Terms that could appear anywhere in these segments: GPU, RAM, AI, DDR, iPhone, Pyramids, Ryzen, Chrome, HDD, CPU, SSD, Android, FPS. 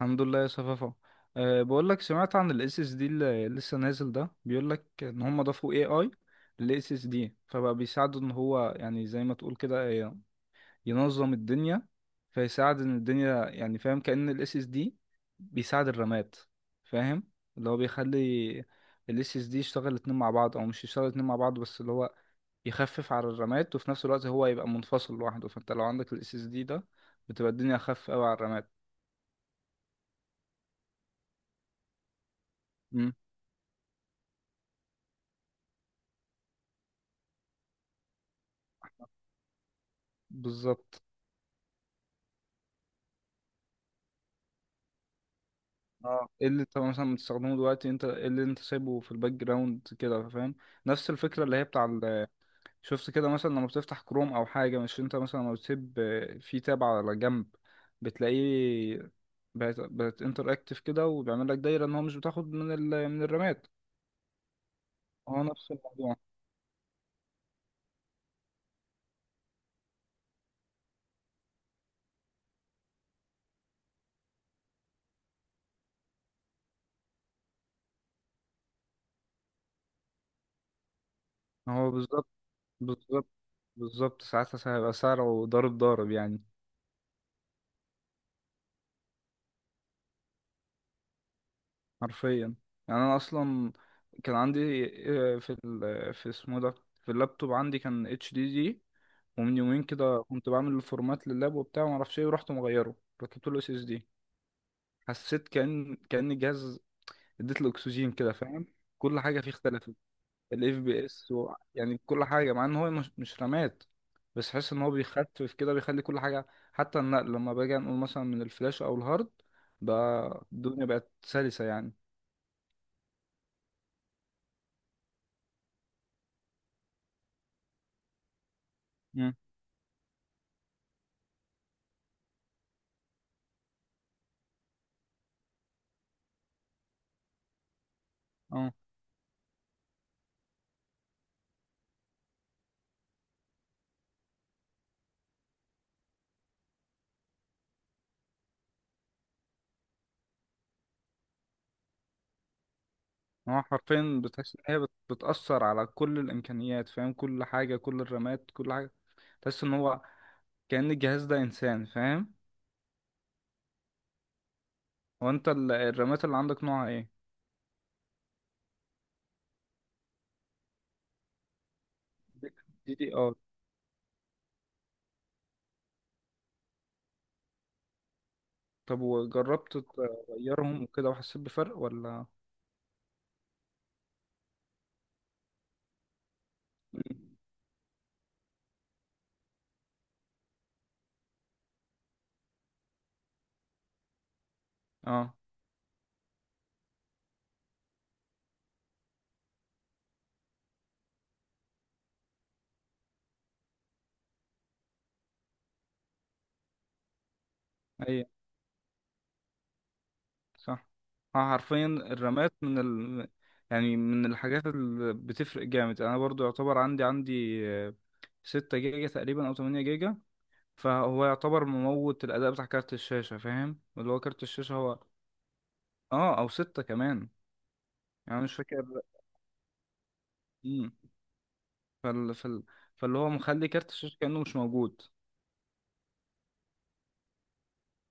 الحمد لله يا صفافة. بقول لك، سمعت عن الاس اس دي اللي لسه نازل، ده بيقول لك ان هم ضافوا اي اي للاس اس دي، فبقى بيساعده ان هو، يعني زي ما تقول كده، ينظم الدنيا. فيساعد ان الدنيا، يعني فاهم، كأن الاس اس دي بيساعد الرامات. فاهم؟ اللي هو بيخلي الاس اس دي يشتغل الاتنين مع بعض، او مش يشتغل الاتنين مع بعض، بس اللي هو يخفف على الرامات، وفي نفس الوقت هو يبقى منفصل لوحده. فانت لو عندك الاس اس دي ده، بتبقى الدنيا اخف قوي على الرامات. مم، بالظبط. اه، ايه اللي انت مثلا بتستخدمه دلوقتي؟ انت ايه اللي انت سايبه في الباك جراوند كده، فاهم؟ نفس الفكره اللي هي بتاع شفت كده مثلا لما بتفتح كروم او حاجه، مش انت مثلا لما بتسيب، في تاب على جنب، بتلاقيه بقت انتراكتيف كده، وبيعمل لك دايره ان هو مش بتاخد من الرامات. هو نفس الموضوع. هو بالظبط، بالظبط، بالظبط. ساعتها هيبقى سعره ضارب ضارب يعني، حرفيا. يعني انا اصلا كان عندي، في اسمه ده، في اللابتوب عندي كان اتش دي دي، ومن يومين كده كنت بعمل الفورمات لللاب وبتاع ومعرفش ايه، ورحت مغيره، ركبت له اس اس دي. حسيت كأن الجهاز اديت له اكسجين كده، فاهم؟ كل حاجة فيه اختلفت، الاف بي اس يعني كل حاجة، مع ان هو مش رامات. بس حس ان هو بيخفف كده، بيخلي كل حاجة، حتى النقل لما باجي انقل مثلا من الفلاش او الهارد، بقى الدنيا بقت سلسة يعني. مم. اه، هو حرفيا بتحس ان هي بتأثر على كل الامكانيات. فاهم؟ كل حاجة، كل الرامات، كل حاجة. تحس ان هو كأن الجهاز ده انسان، فاهم؟ هو انت الرامات اللي عندك نوعها ايه؟ دي دي ار. طب وجربت تغيرهم وكده، وحسيت بفرق ولا؟ مم. اه. اي، صح. اه، حرفيا الرامات من يعني من الحاجات اللي بتفرق جامد. انا برضو يعتبر عندي، عندي 6 جيجا تقريبا او 8 جيجا. فهو يعتبر مموت الاداء بتاع كارت الشاشة. فاهم؟ اللي هو كارت الشاشة هو، اه، او ستة كمان. يعني مش فاكر. مم. فال... فال... فاللي هو مخلي كارت الشاشة كأنه مش موجود.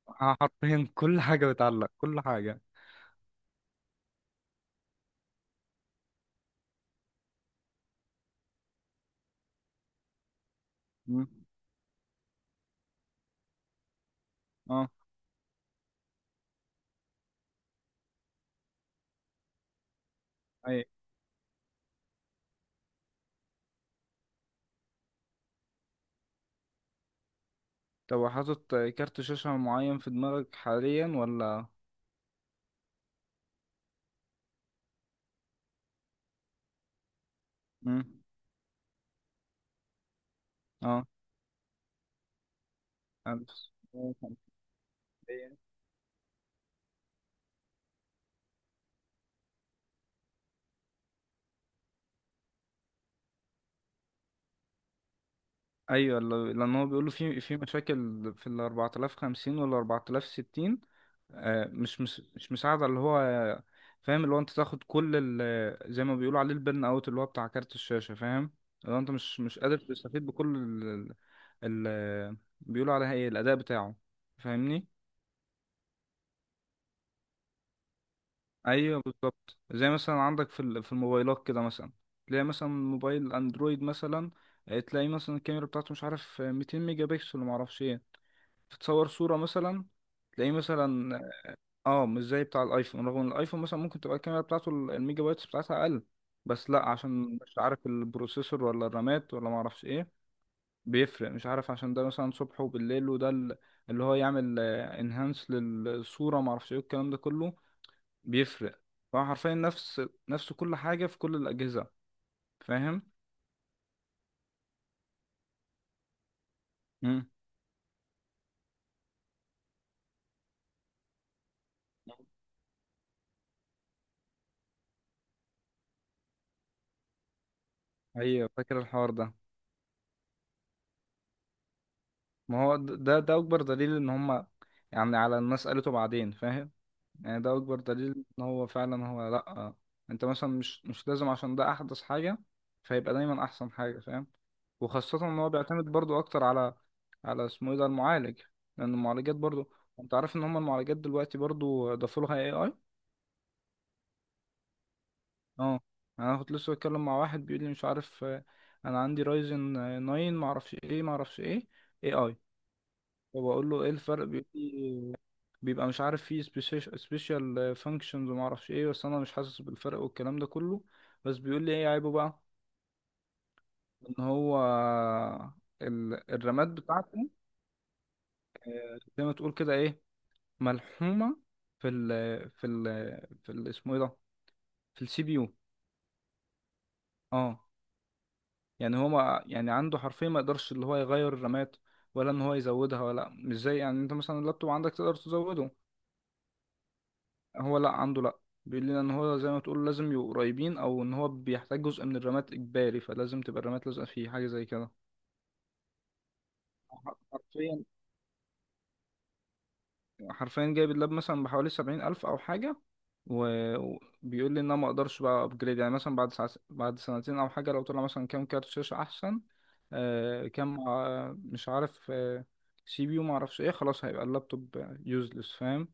حرفيا كل حاجة بتعلق، كل حاجة. مم. اه. اي. طب حاطط كارت شاشة معين في دماغك حاليا ولا؟ مم. اه. 1950. ايوه، لان هو بيقولوا في مشاكل في ال 4050 وال 4060. مش مساعدة، اللي هو، فاهم؟ اللي هو انت تاخد كل زي ما بيقولوا عليه البرن اوت، اللي هو بتاع كارت الشاشة. فاهم؟ اللي هو انت مش قادر تستفيد بكل ال، بيقولوا عليها ايه، الاداء بتاعه. فاهمني؟ ايوه، بالظبط. زي مثلا عندك في في الموبايلات كده، مثلا تلاقي مثلا موبايل اندرويد مثلا، تلاقي مثلا الكاميرا بتاعته مش عارف، 200 ميجا بكسل وما اعرفش ايه. تصور صوره مثلا، تلاقيه مثلا، اه، مش زي بتاع الايفون. رغم ان الايفون مثلا ممكن تبقى الكاميرا بتاعته الميجا بايتس بتاعتها اقل، بس لا، عشان مش عارف البروسيسور ولا الرامات ولا ما اعرفش ايه بيفرق. مش عارف، عشان ده مثلا صبح وبالليل، وده اللي هو يعمل انهانس للصورة ما اعرفش ايه الكلام ده كله، بيفرق. فهو حرفيا نفس، كل حاجة في كل الأجهزة، فاهم؟ امم، ايوه، فاكر الحوار ده. ما هو ده اكبر دليل ان هما، يعني على الناس قالته بعدين، فاهم؟ يعني ده اكبر دليل ان هو فعلا هو، لا، انت مثلا مش لازم عشان ده احدث حاجة، فيبقى دايما احسن حاجة، فاهم؟ وخاصة ان هو بيعتمد برضو اكتر على، على اسمه ايه ده، المعالج. لان المعالجات برضو، انت عارف ان هم المعالجات دلوقتي برضو ضافوا لها اي اي. اه. يعني انا كنت لسه بتكلم مع واحد بيقول لي مش عارف، انا عندي رايزن 9، ما اعرفش ايه ما اعرفش ايه اي اي. فبقول له ايه الفرق؟ بيقول لي بيبقى مش عارف، فيه سبيشال فانكشنز وما اعرفش ايه، بس انا مش حاسس بالفرق والكلام ده كله. بس بيقول لي ايه عيبه بقى؟ ان هو الرامات بتاعته زي ما تقول كده ايه، ملحومه في ال، في ال اسمه ايه ده، في السي بي يو. اه. يعني هو، ما يعني عنده حرفيا ما يقدرش اللي هو يغير الرامات ولا ان هو يزودها. ولا مش زي، يعني انت مثلا اللابتوب عندك تقدر تزوده، هو لا عنده لا. بيقول لنا ان هو زي ما تقول، لازم يبقوا قريبين، او ان هو بيحتاج جزء من الرامات اجباري، فلازم تبقى الرامات لازقه فيه، حاجه زي كده. حرفيا، حرفيا جايب اللاب مثلا بحوالي 70,000 او حاجه. و- وبيقول لي ان انا ما اقدرش بقى ابجريد، يعني مثلا بعد ساعة بعد سنتين او حاجه، لو طلع مثلا كام كارت شاشه احسن، آه، كام، مش عارف، سي بي يو، ما اعرفش ايه، خلاص هيبقى اللابتوب يوزلس، فاهم؟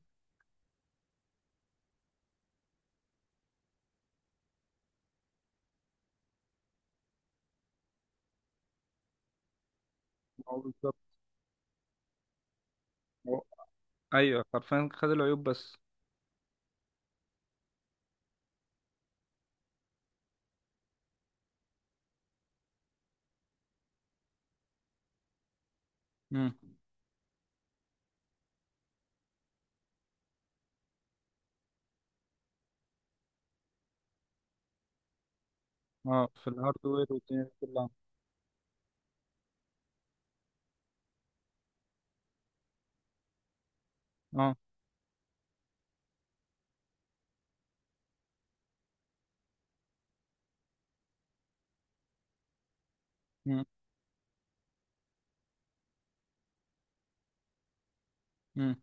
هو بالظبط. هو- ايوه حرفيا، خد العيوب بس. مم. اه، في الهاردوير والدنيا دي كلها. اه. مم. مم.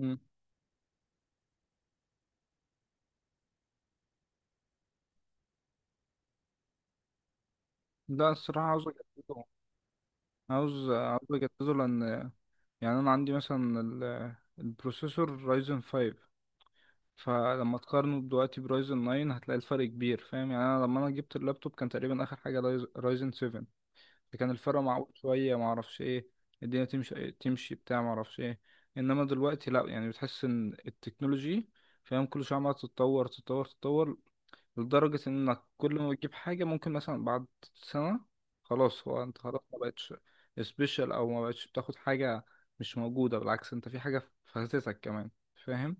مم. لا، الصراحة عاوز أجدده. عاوز، أجدده. لأن يعني أنا عندي مثلا البروسيسور رايزن 5، فلما تقارنه دلوقتي برايزن 9 هتلاقي الفرق كبير، فاهم؟ يعني أنا لما جبت اللابتوب كان تقريبا آخر حاجة رايزن 7. فكان الفرق معقول شوية، معرفش إيه، الدنيا تمشي تمشي بتاع معرفش إيه. إنما دلوقتي لأ، يعني بتحس إن التكنولوجي، فاهم؟ كل شوية عمالة تتطور تتطور تتطور، لدرجة انك كل ما بتجيب حاجة ممكن مثلا بعد سنة، خلاص هو انت خلاص ما بقتش سبيشال، او ما بقتش بتاخد حاجة مش موجودة، بالعكس انت في حاجة فاتتك كمان، فاهم؟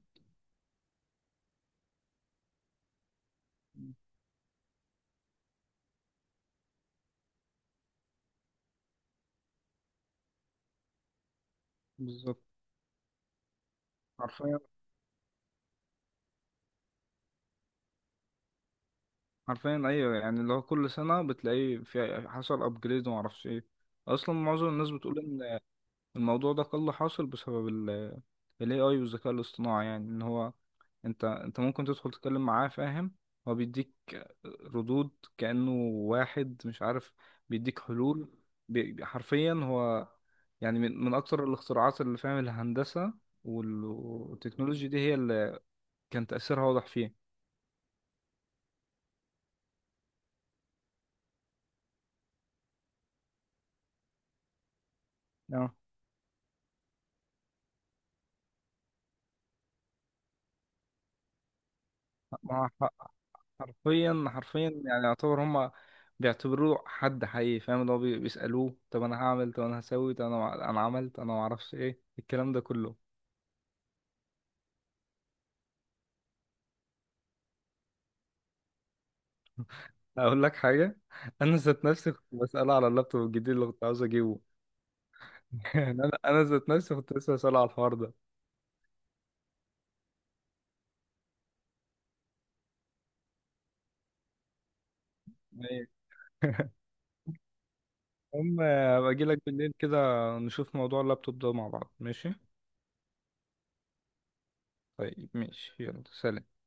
بالظبط، حرفيا. حرفيا ايوه. يعني اللي هو كل سنة بتلاقيه في حصل ابجريد وما اعرفش ايه. اصلا معظم الناس بتقول ان الموضوع ده قل حاصل بسبب ال AI والذكاء الاصطناعي. يعني ان هو، انت، ممكن تدخل تتكلم معاه، فاهم؟ هو بيديك ردود كأنه واحد، مش عارف، بيديك حلول. حرفيا هو يعني من اكثر الاختراعات اللي، فاهم، الهندسة والتكنولوجيا دي هي اللي كان تأثيرها واضح فيه. اه. ما هو حرفيا، حرفيا يعني يعتبر هما بيعتبروه حد حقيقي، فاهم؟ اللي هو بيسألوه طب انا هعمل، طب انا هسوي، طب انا، عملت، انا معرفش ايه الكلام ده كله. اقول لك حاجه، انا ذات نفسي كنت بساله على اللابتوب الجديد اللي كنت عاوز اجيبه. يعني انا ذات نفسي كنت لسه بساله على الحوار ده. ايه. المهم، باجي لك بالليل كده نشوف موضوع اللابتوب ده مع بعض، ماشي؟ طيب ماشي، يلا، سلام.